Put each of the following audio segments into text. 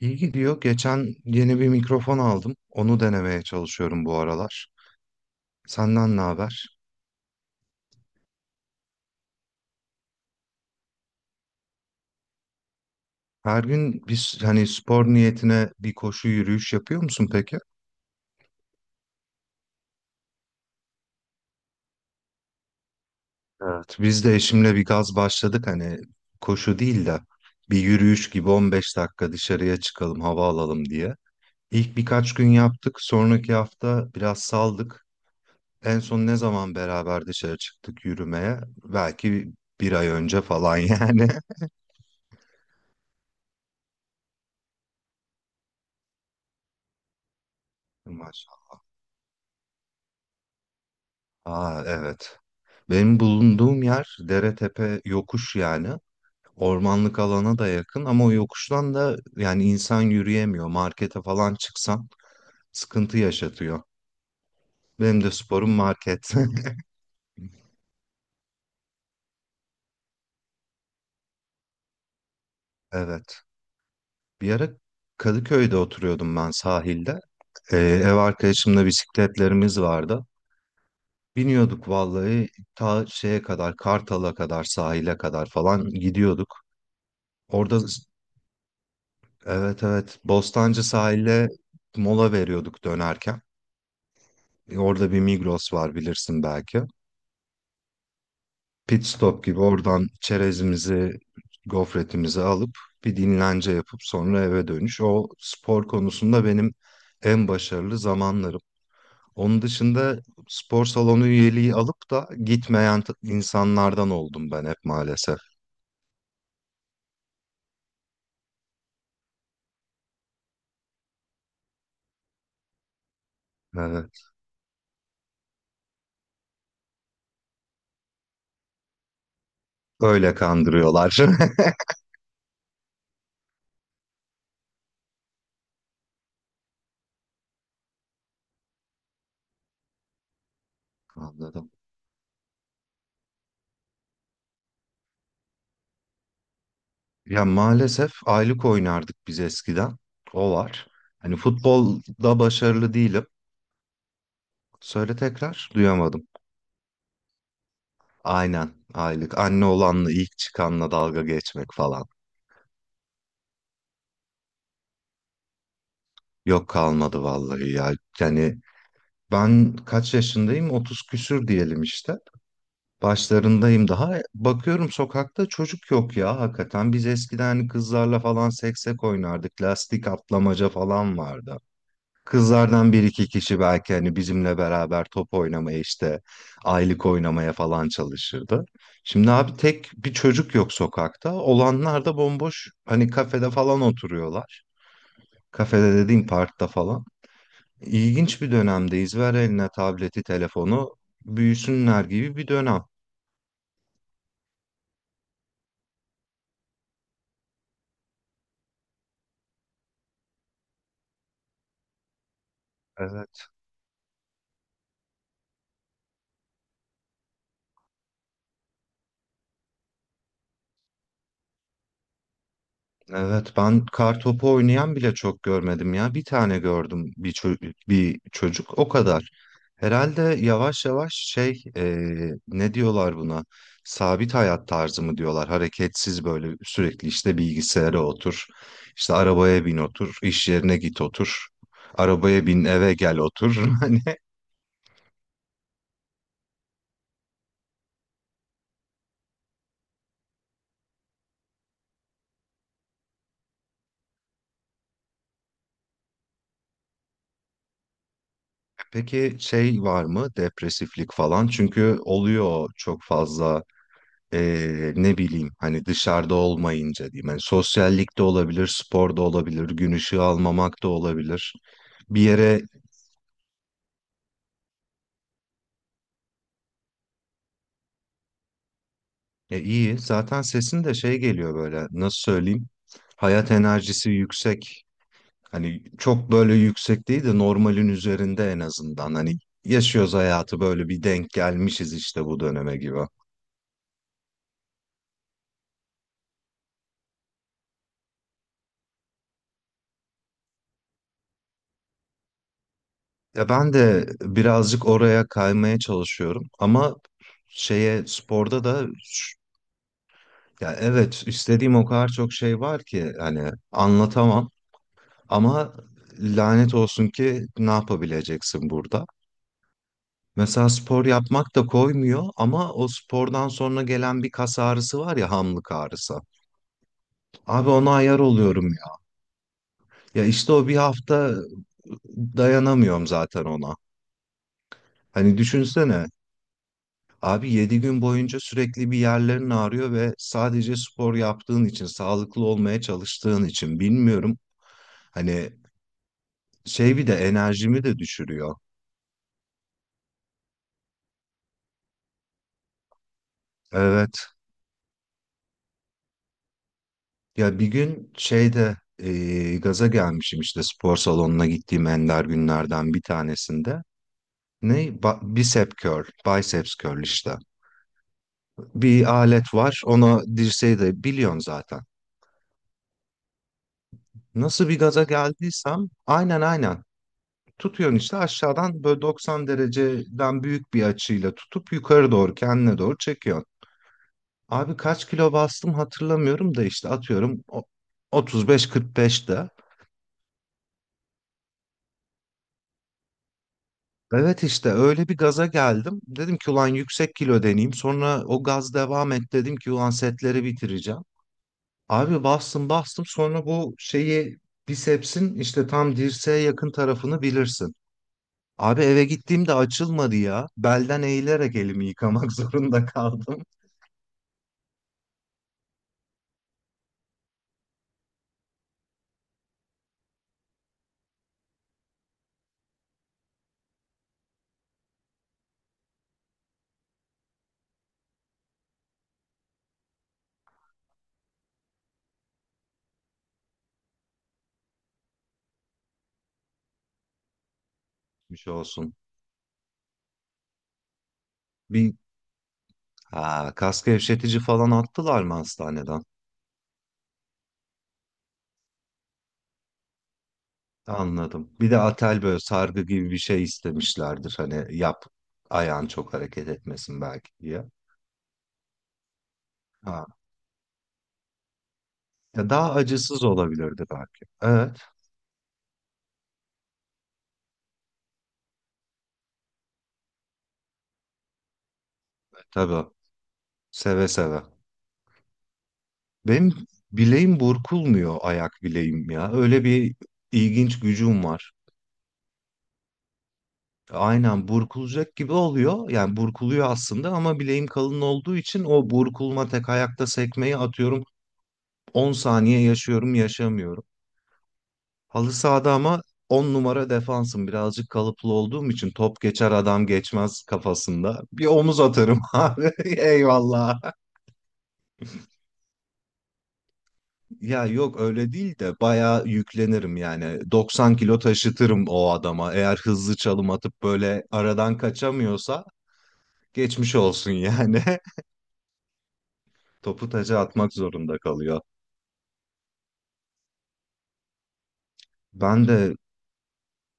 İyi gidiyor. Geçen yeni bir mikrofon aldım. Onu denemeye çalışıyorum bu aralar. Senden ne haber? Her gün biz hani spor niyetine bir koşu yürüyüş yapıyor musun peki? Evet. Biz de eşimle bir gaz başladık hani koşu değil de bir yürüyüş gibi 15 dakika dışarıya çıkalım hava alalım diye. İlk birkaç gün yaptık. Sonraki hafta biraz saldık. En son ne zaman beraber dışarı çıktık yürümeye? Belki bir ay önce falan yani. Maşallah. Aa, evet. Benim bulunduğum yer dere tepe yokuş yani. Ormanlık alana da yakın ama o yokuştan da yani insan yürüyemiyor. Markete falan çıksan sıkıntı yaşatıyor. Benim de sporum market. Evet. Bir ara Kadıköy'de oturuyordum ben sahilde. Ev arkadaşımla bisikletlerimiz vardı. Biniyorduk vallahi ta şeye kadar Kartal'a kadar sahile kadar falan gidiyorduk. Orada. Evet, evet. Bostancı sahile mola veriyorduk dönerken. Orada bir Migros var bilirsin belki. Pit stop gibi oradan çerezimizi, gofretimizi alıp bir dinlence yapıp sonra eve dönüş. O spor konusunda benim en başarılı zamanlarım. Onun dışında spor salonu üyeliği alıp da gitmeyen insanlardan oldum ben hep maalesef. Evet. Öyle kandırıyorlar. Anladım. Ya, maalesef aylık oynardık biz eskiden. O var. Hani futbolda başarılı değilim. Söyle tekrar. Duyamadım. Aynen, aylık. Anne olanla ilk çıkanla dalga geçmek falan. Yok, kalmadı vallahi ya. Yani, ben kaç yaşındayım? 30 küsür diyelim işte. Başlarındayım daha. Bakıyorum sokakta çocuk yok ya hakikaten. Biz eskiden hani kızlarla falan seksek oynardık. Lastik atlamaca falan vardı. Kızlardan bir iki kişi belki hani bizimle beraber top oynamaya işte aylık oynamaya falan çalışırdı. Şimdi abi tek bir çocuk yok sokakta. Olanlar da bomboş hani kafede falan oturuyorlar. Kafede dediğim parkta falan. İlginç bir dönemdeyiz. Ver eline tableti, telefonu büyüsünler gibi bir dönem. Evet, ben kartopu oynayan bile çok görmedim ya. Bir tane gördüm bir çocuk o kadar. Herhalde yavaş yavaş şey ne diyorlar buna? Sabit hayat tarzı mı diyorlar? Hareketsiz böyle sürekli işte bilgisayara otur, işte arabaya bin otur, iş yerine git otur, arabaya bin eve gel otur. Hani peki şey var mı, depresiflik falan? Çünkü oluyor çok fazla. Ne bileyim hani dışarıda olmayınca diyeyim. Hani sosyallik de olabilir, spor da olabilir, gün ışığı almamak da olabilir. Bir yere e, iyi zaten sesin de şey geliyor, böyle nasıl söyleyeyim, hayat enerjisi yüksek. Hani çok böyle yüksek değil de normalin üzerinde en azından, hani yaşıyoruz hayatı böyle, bir denk gelmişiz işte bu döneme gibi. Ya ben de birazcık oraya kaymaya çalışıyorum ama şeye sporda da. Ya, evet, istediğim o kadar çok şey var ki hani anlatamam, ama lanet olsun ki ne yapabileceksin burada. Mesela spor yapmak da koymuyor ama o spordan sonra gelen bir kas ağrısı var ya, hamlık ağrısı. Abi ona ayar oluyorum ya. Ya işte o bir hafta dayanamıyorum zaten ona. Hani düşünsene abi 7 gün boyunca sürekli bir yerlerin ağrıyor ve sadece spor yaptığın için, sağlıklı olmaya çalıştığın için, bilmiyorum. Hani şey, bir de enerjimi de düşürüyor. Evet. Ya bir gün şeyde gaza gelmişim işte spor salonuna gittiğim ender günlerden bir tanesinde. Ne? Bicep curl, biceps curl işte. Bir alet var. Ona dirseği de biliyorsun zaten. Nasıl bir gaza geldiysem, aynen, aynen. Tutuyorsun işte aşağıdan böyle 90 dereceden büyük bir açıyla tutup yukarı doğru kendine doğru çekiyorsun. Abi kaç kilo bastım hatırlamıyorum da işte atıyorum 35-45'te. Evet işte öyle bir gaza geldim. Dedim ki ulan yüksek kilo deneyeyim. Sonra o gaz devam et dedim ki ulan setleri bitireceğim. Abi bastım bastım, sonra bu şeyi, bisepsin işte tam dirseğe yakın tarafını bilirsin. Abi eve gittiğimde açılmadı ya. Belden eğilerek elimi yıkamak zorunda kaldım. Bir şey olsun. Bir ha, Kas gevşetici falan attılar mı hastaneden? Anladım. Bir de atel böyle sargı gibi bir şey istemişlerdir. Hani yap, ayağın çok hareket etmesin belki diye. Ha. Ya daha acısız olabilirdi belki. Evet, tabii. Seve seve. Benim bileğim burkulmuyor, ayak bileğim ya. Öyle bir ilginç gücüm var. Aynen, burkulacak gibi oluyor. Yani burkuluyor aslında ama bileğim kalın olduğu için o burkulma, tek ayakta sekmeyi atıyorum. 10 saniye yaşıyorum, yaşamıyorum. Halı sahada ama 10 numara defansım. Birazcık kalıplı olduğum için top geçer adam geçmez kafasında. Bir omuz atarım abi. Eyvallah. Ya yok öyle değil de bayağı yüklenirim, yani 90 kilo taşıtırım o adama eğer hızlı çalım atıp böyle aradan kaçamıyorsa. Geçmiş olsun yani. Topu taca atmak zorunda kalıyor. Ben de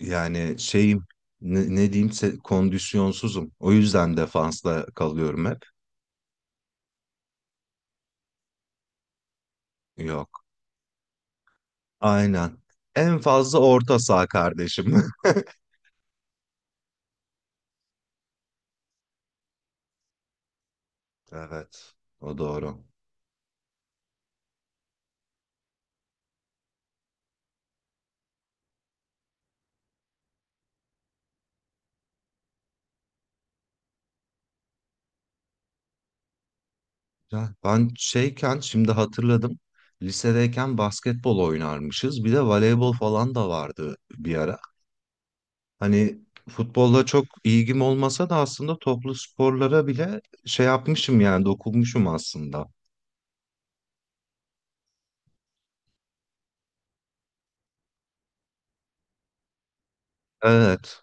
yani şeyim, ne diyeyim, kondisyonsuzum, o yüzden defansta kalıyorum hep. Yok, aynen, en fazla orta saha kardeşim. Evet, o doğru. Ya ben şeyken şimdi hatırladım. Lisedeyken basketbol oynarmışız. Bir de voleybol falan da vardı bir ara. Hani futbolla çok ilgim olmasa da aslında toplu sporlara bile şey yapmışım yani, dokunmuşum aslında. Evet,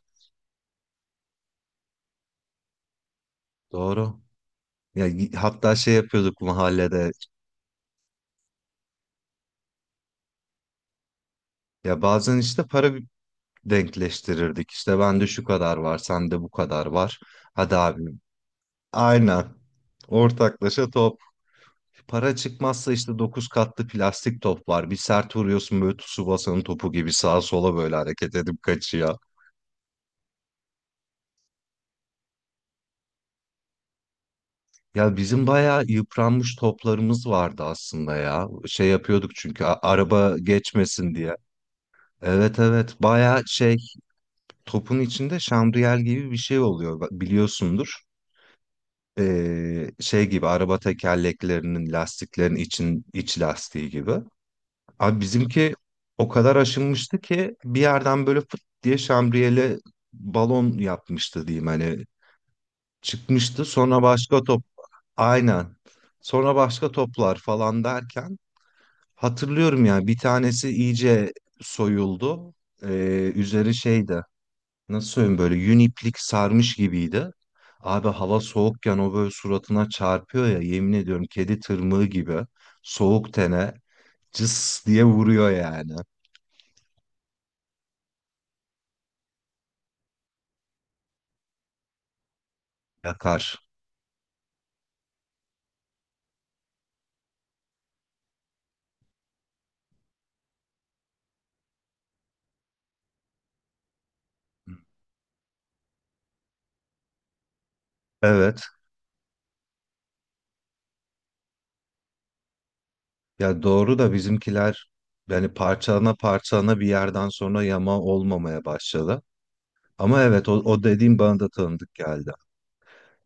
doğru. Ya hatta şey yapıyorduk mahallede. Ya bazen işte para denkleştirirdik. İşte bende şu kadar var, sende bu kadar var. Hadi abim. Aynen. Ortaklaşa top Para çıkmazsa işte 9 katlı plastik top var. Bir sert vuruyorsun böyle Tsubasa'nın topu gibi sağa sola böyle hareket edip kaçıyor. Ya bizim bayağı yıpranmış toplarımız vardı aslında ya. Şey yapıyorduk çünkü araba geçmesin diye. Evet, evet, bayağı şey, topun içinde şamriyel gibi bir şey oluyor biliyorsundur. Şey gibi araba tekerleklerinin, lastiklerin için iç lastiği gibi. Abi bizimki o kadar aşınmıştı ki bir yerden böyle fıt diye şambriyeli balon yapmıştı diyeyim, hani çıkmıştı, sonra başka top, aynen, sonra başka toplar falan derken hatırlıyorum ya bir tanesi iyice soyuldu. Üzeri şeydi, nasıl söyleyeyim, böyle yün iplik sarmış gibiydi. Abi hava soğukken o böyle suratına çarpıyor ya, yemin ediyorum, kedi tırmığı gibi soğuk tene cıs diye vuruyor yani. Yakar. Evet. Ya doğru da bizimkiler yani parçalana parçalana bir yerden sonra yama olmamaya başladı. Ama evet, o dediğim bana da tanıdık geldi.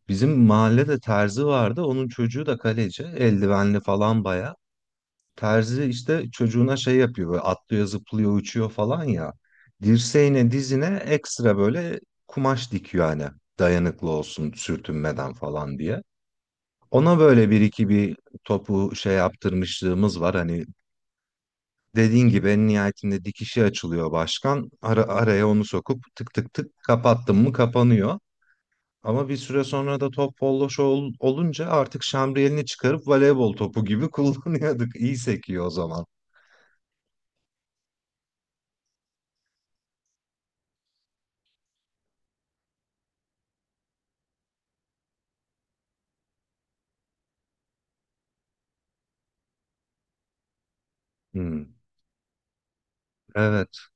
Bizim mahallede terzi vardı. Onun çocuğu da kaleci. Eldivenli falan baya. Terzi işte çocuğuna şey yapıyor. Böyle atlıyor, zıplıyor, uçuyor falan ya. Dirseğine, dizine ekstra böyle kumaş dikiyor hani. Dayanıklı olsun sürtünmeden falan diye. Ona böyle bir iki bir topu şey yaptırmışlığımız var. Hani dediğin gibi en nihayetinde dikişi açılıyor başkan. Araya onu sokup tık tık tık kapattın mı kapanıyor. Ama bir süre sonra da top bolloş olunca artık şamriyelini çıkarıp voleybol topu gibi kullanıyorduk. İyi sekiyor o zaman. Hmm, evet.